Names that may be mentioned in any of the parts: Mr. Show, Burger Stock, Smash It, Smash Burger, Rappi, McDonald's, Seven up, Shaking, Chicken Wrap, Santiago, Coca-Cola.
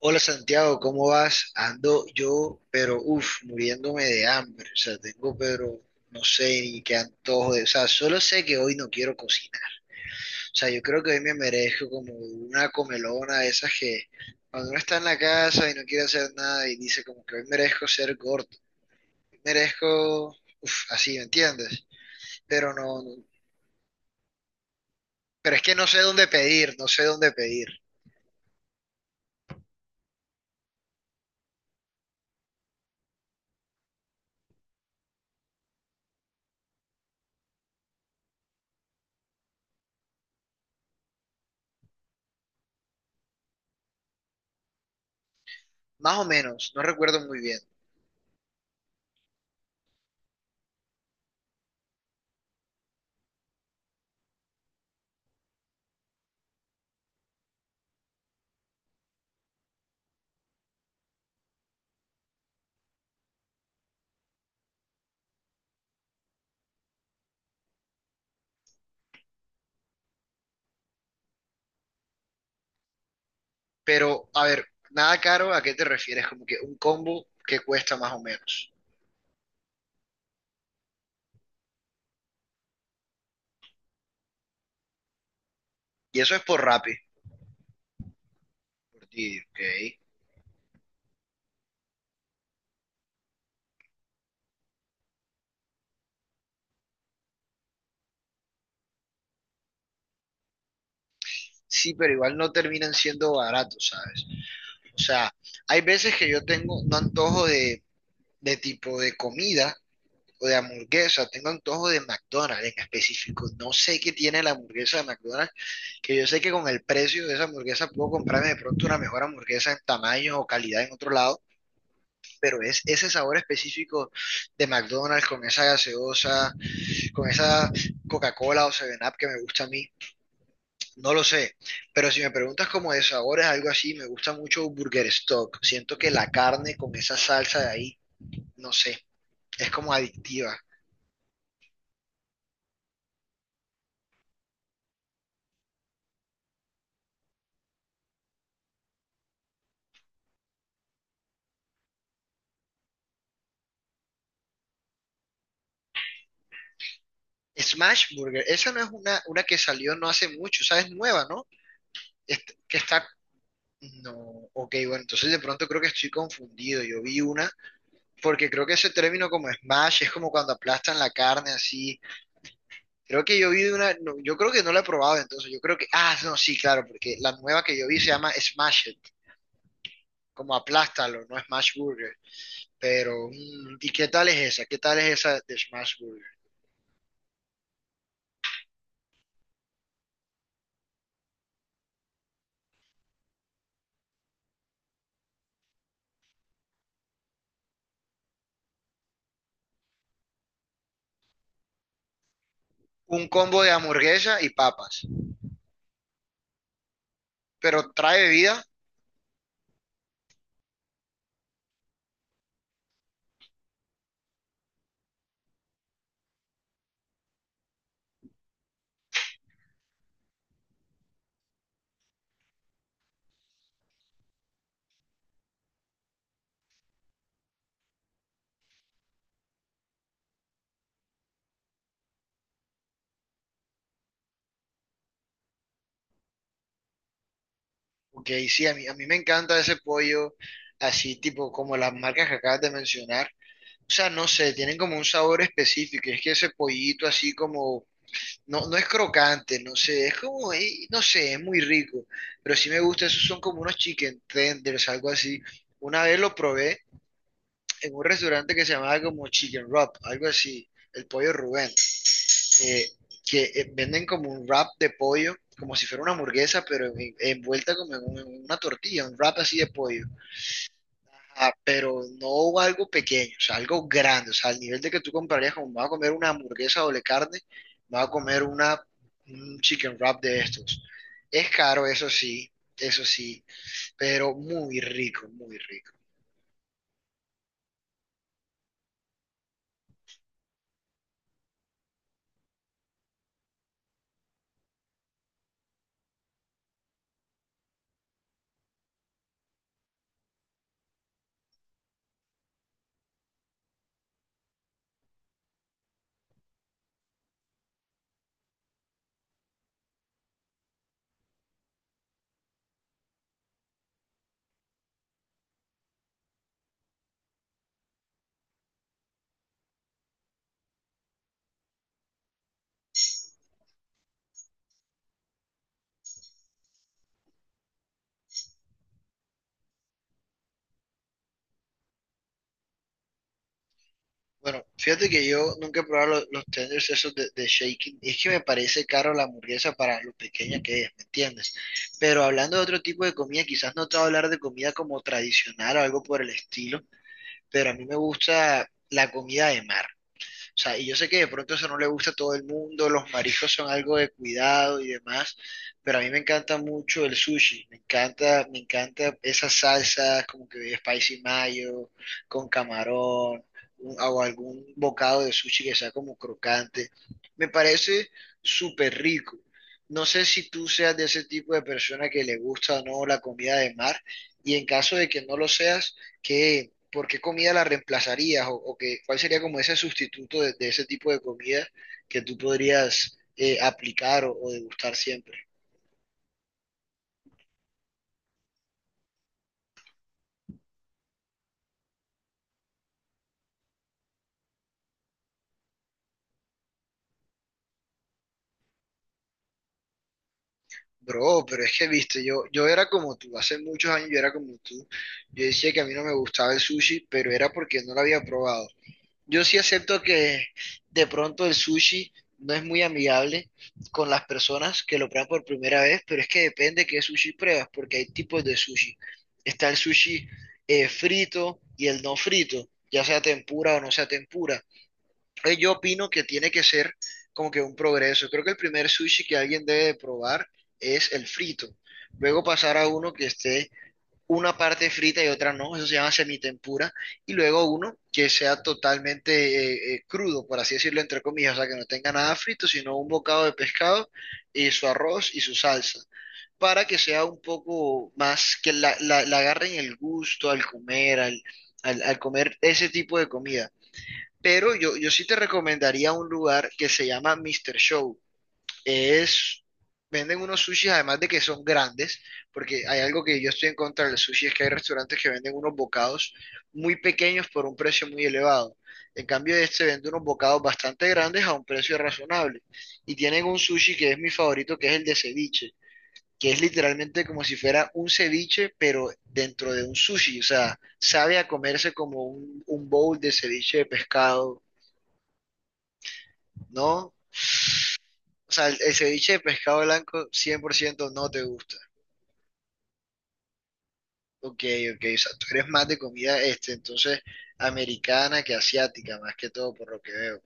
Hola Santiago, ¿cómo vas? Ando yo, pero uff, muriéndome de hambre. O sea, tengo, pero no sé ni qué antojo de. O sea, solo sé que hoy no quiero cocinar. O sea, yo creo que hoy me merezco como una comelona de esas que cuando uno está en la casa y no quiere hacer nada y dice como que hoy merezco ser gordo. Merezco, uff, así, ¿me entiendes? Pero no, pero es que no sé dónde pedir, no sé dónde pedir. Más o menos, no recuerdo muy bien. Pero, a ver, nada caro, ¿a qué te refieres? Como que un combo que cuesta más o menos. Y eso es por Rappi, por ti, ¿ok? Sí, pero igual no terminan siendo baratos, ¿sabes? O sea, hay veces que yo tengo un antojo de tipo de comida o de hamburguesa, tengo antojo de McDonald's en específico. No sé qué tiene la hamburguesa de McDonald's, que yo sé que con el precio de esa hamburguesa puedo comprarme de pronto una mejor hamburguesa en tamaño o calidad en otro lado, pero es ese sabor específico de McDonald's con esa gaseosa, con esa Coca-Cola o Seven up que me gusta a mí, no lo sé, pero si me preguntas como de sabores, algo así, me gusta mucho Burger Stock. Siento que la carne con esa salsa de ahí, no sé, es como adictiva. Smash Burger, esa no es una que salió no hace mucho, o sea, es nueva, ¿no? Es- que está... No, ok, bueno, entonces de pronto creo que estoy confundido. Yo vi una, porque creo que ese término como smash es como cuando aplastan la carne así. Creo que yo vi de una, no, yo creo que no la he probado entonces, yo creo que, ah, no, sí, claro, porque la nueva que yo vi se llama Smash It, como aplástalo, no Smash Burger, pero, ¿y qué tal es esa? ¿Qué tal es esa de Smash Burger? Un combo de hamburguesa y papas, pero trae bebida, ok, sí, a mí me encanta ese pollo, así tipo como las marcas que acabas de mencionar, o sea, no sé, tienen como un sabor específico, y es que ese pollito así como... No, no es crocante, no sé, es como, no sé, es muy rico, pero sí me gusta, esos son como unos chicken tenders, algo así. Una vez lo probé en un restaurante que se llamaba como Chicken Wrap, algo así, el pollo Rubén, eh, que venden como un wrap de pollo, como si fuera una hamburguesa, pero envuelta como en en una tortilla, un wrap así de pollo. Ah, pero no algo pequeño, o sea, algo grande, o sea, al nivel de que tú comprarías como me voy a comer una hamburguesa doble carne, me voy a comer una, un chicken wrap de estos. Es caro, eso sí, pero muy rico, muy rico. Bueno, fíjate que yo nunca he probado los tenders esos de Shaking. Es que me parece caro la hamburguesa para lo pequeña que es, ¿me entiendes? Pero hablando de otro tipo de comida, quizás no te voy a hablar de comida como tradicional o algo por el estilo, pero a mí me gusta la comida de mar. O sea, y yo sé que de pronto eso no le gusta a todo el mundo, los mariscos son algo de cuidado y demás, pero a mí me encanta mucho el sushi, me encanta esas salsas como que de spicy mayo, con camarón, o algún bocado de sushi que sea como crocante. Me parece súper rico. No sé si tú seas de ese tipo de persona que le gusta o no la comida de mar, y en caso de que no lo seas, ¿qué, ¿por qué comida la reemplazarías? O que, ¿cuál sería como ese sustituto de ese tipo de comida que tú podrías aplicar o degustar siempre? Bro, pero es que, viste, yo era como tú, hace muchos años yo era como tú. Yo decía que a mí no me gustaba el sushi, pero era porque no lo había probado. Yo sí acepto que de pronto el sushi no es muy amigable con las personas que lo prueban por primera vez, pero es que depende qué sushi pruebas, porque hay tipos de sushi. Está el sushi frito y el no frito, ya sea tempura o no sea tempura. Entonces, yo opino que tiene que ser como que un progreso. Creo que el primer sushi que alguien debe de probar es el frito. Luego pasar a uno que esté una parte frita y otra no, eso se llama semitempura, y luego uno que sea totalmente crudo, por así decirlo, entre comillas, o sea, que no tenga nada frito, sino un bocado de pescado y su arroz y su salsa, para que sea un poco más, que la agarren el gusto al comer, al, al, al comer ese tipo de comida. Pero yo sí te recomendaría un lugar que se llama Mr. Show. Es, venden unos sushis además de que son grandes, porque hay algo que yo estoy en contra del sushi, es que hay restaurantes que venden unos bocados muy pequeños por un precio muy elevado. En cambio, este vende unos bocados bastante grandes a un precio razonable. Y tienen un sushi que es mi favorito, que es el de ceviche, que es literalmente como si fuera un ceviche, pero dentro de un sushi. O sea, sabe a comerse como un bowl de ceviche de pescado, ¿no? O sea, el ceviche de pescado blanco 100% no te gusta. Ok, ok, o sea, tú eres más de comida, este, entonces, americana que asiática, más que todo, por lo que veo.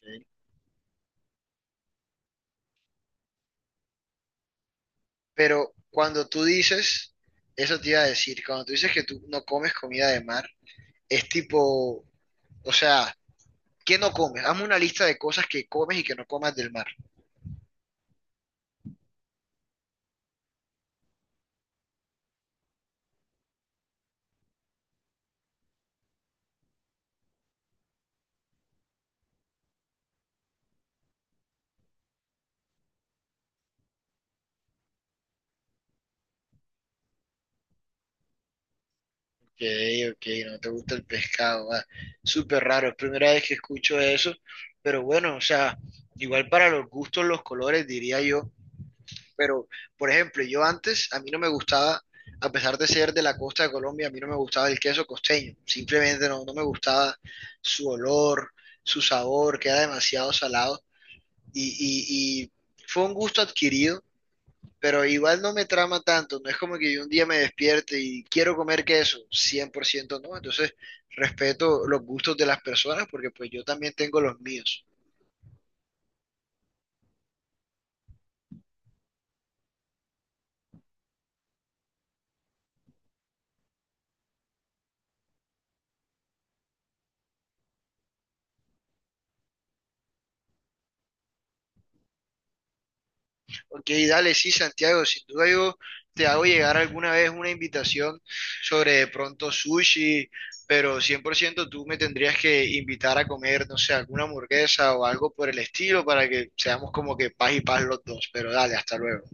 ¿Ok? Pero cuando tú dices, eso te iba a decir, cuando tú dices que tú no comes comida de mar, es tipo, o sea, ¿qué no comes? Hazme una lista de cosas que comes y que no comas del mar. Ok, ok, no te gusta el pescado, ah. Súper raro, es primera vez que escucho eso, pero bueno, o sea, igual para los gustos, los colores, diría yo. Pero, por ejemplo, yo antes, a mí no me gustaba, a pesar de ser de la costa de Colombia, a mí no me gustaba el queso costeño. Simplemente no me gustaba su olor, su sabor, que era demasiado salado. Y fue un gusto adquirido, pero igual no me trama tanto. No es como que yo un día me despierte y quiero comer queso. 100% no. Entonces, respeto los gustos de las personas porque pues yo también tengo los míos. Ok, dale, sí, Santiago, sin duda yo te hago llegar alguna vez una invitación sobre de pronto sushi, pero 100% tú me tendrías que invitar a comer, no sé, alguna hamburguesa o algo por el estilo para que seamos como que paz y paz los dos, pero dale, hasta luego.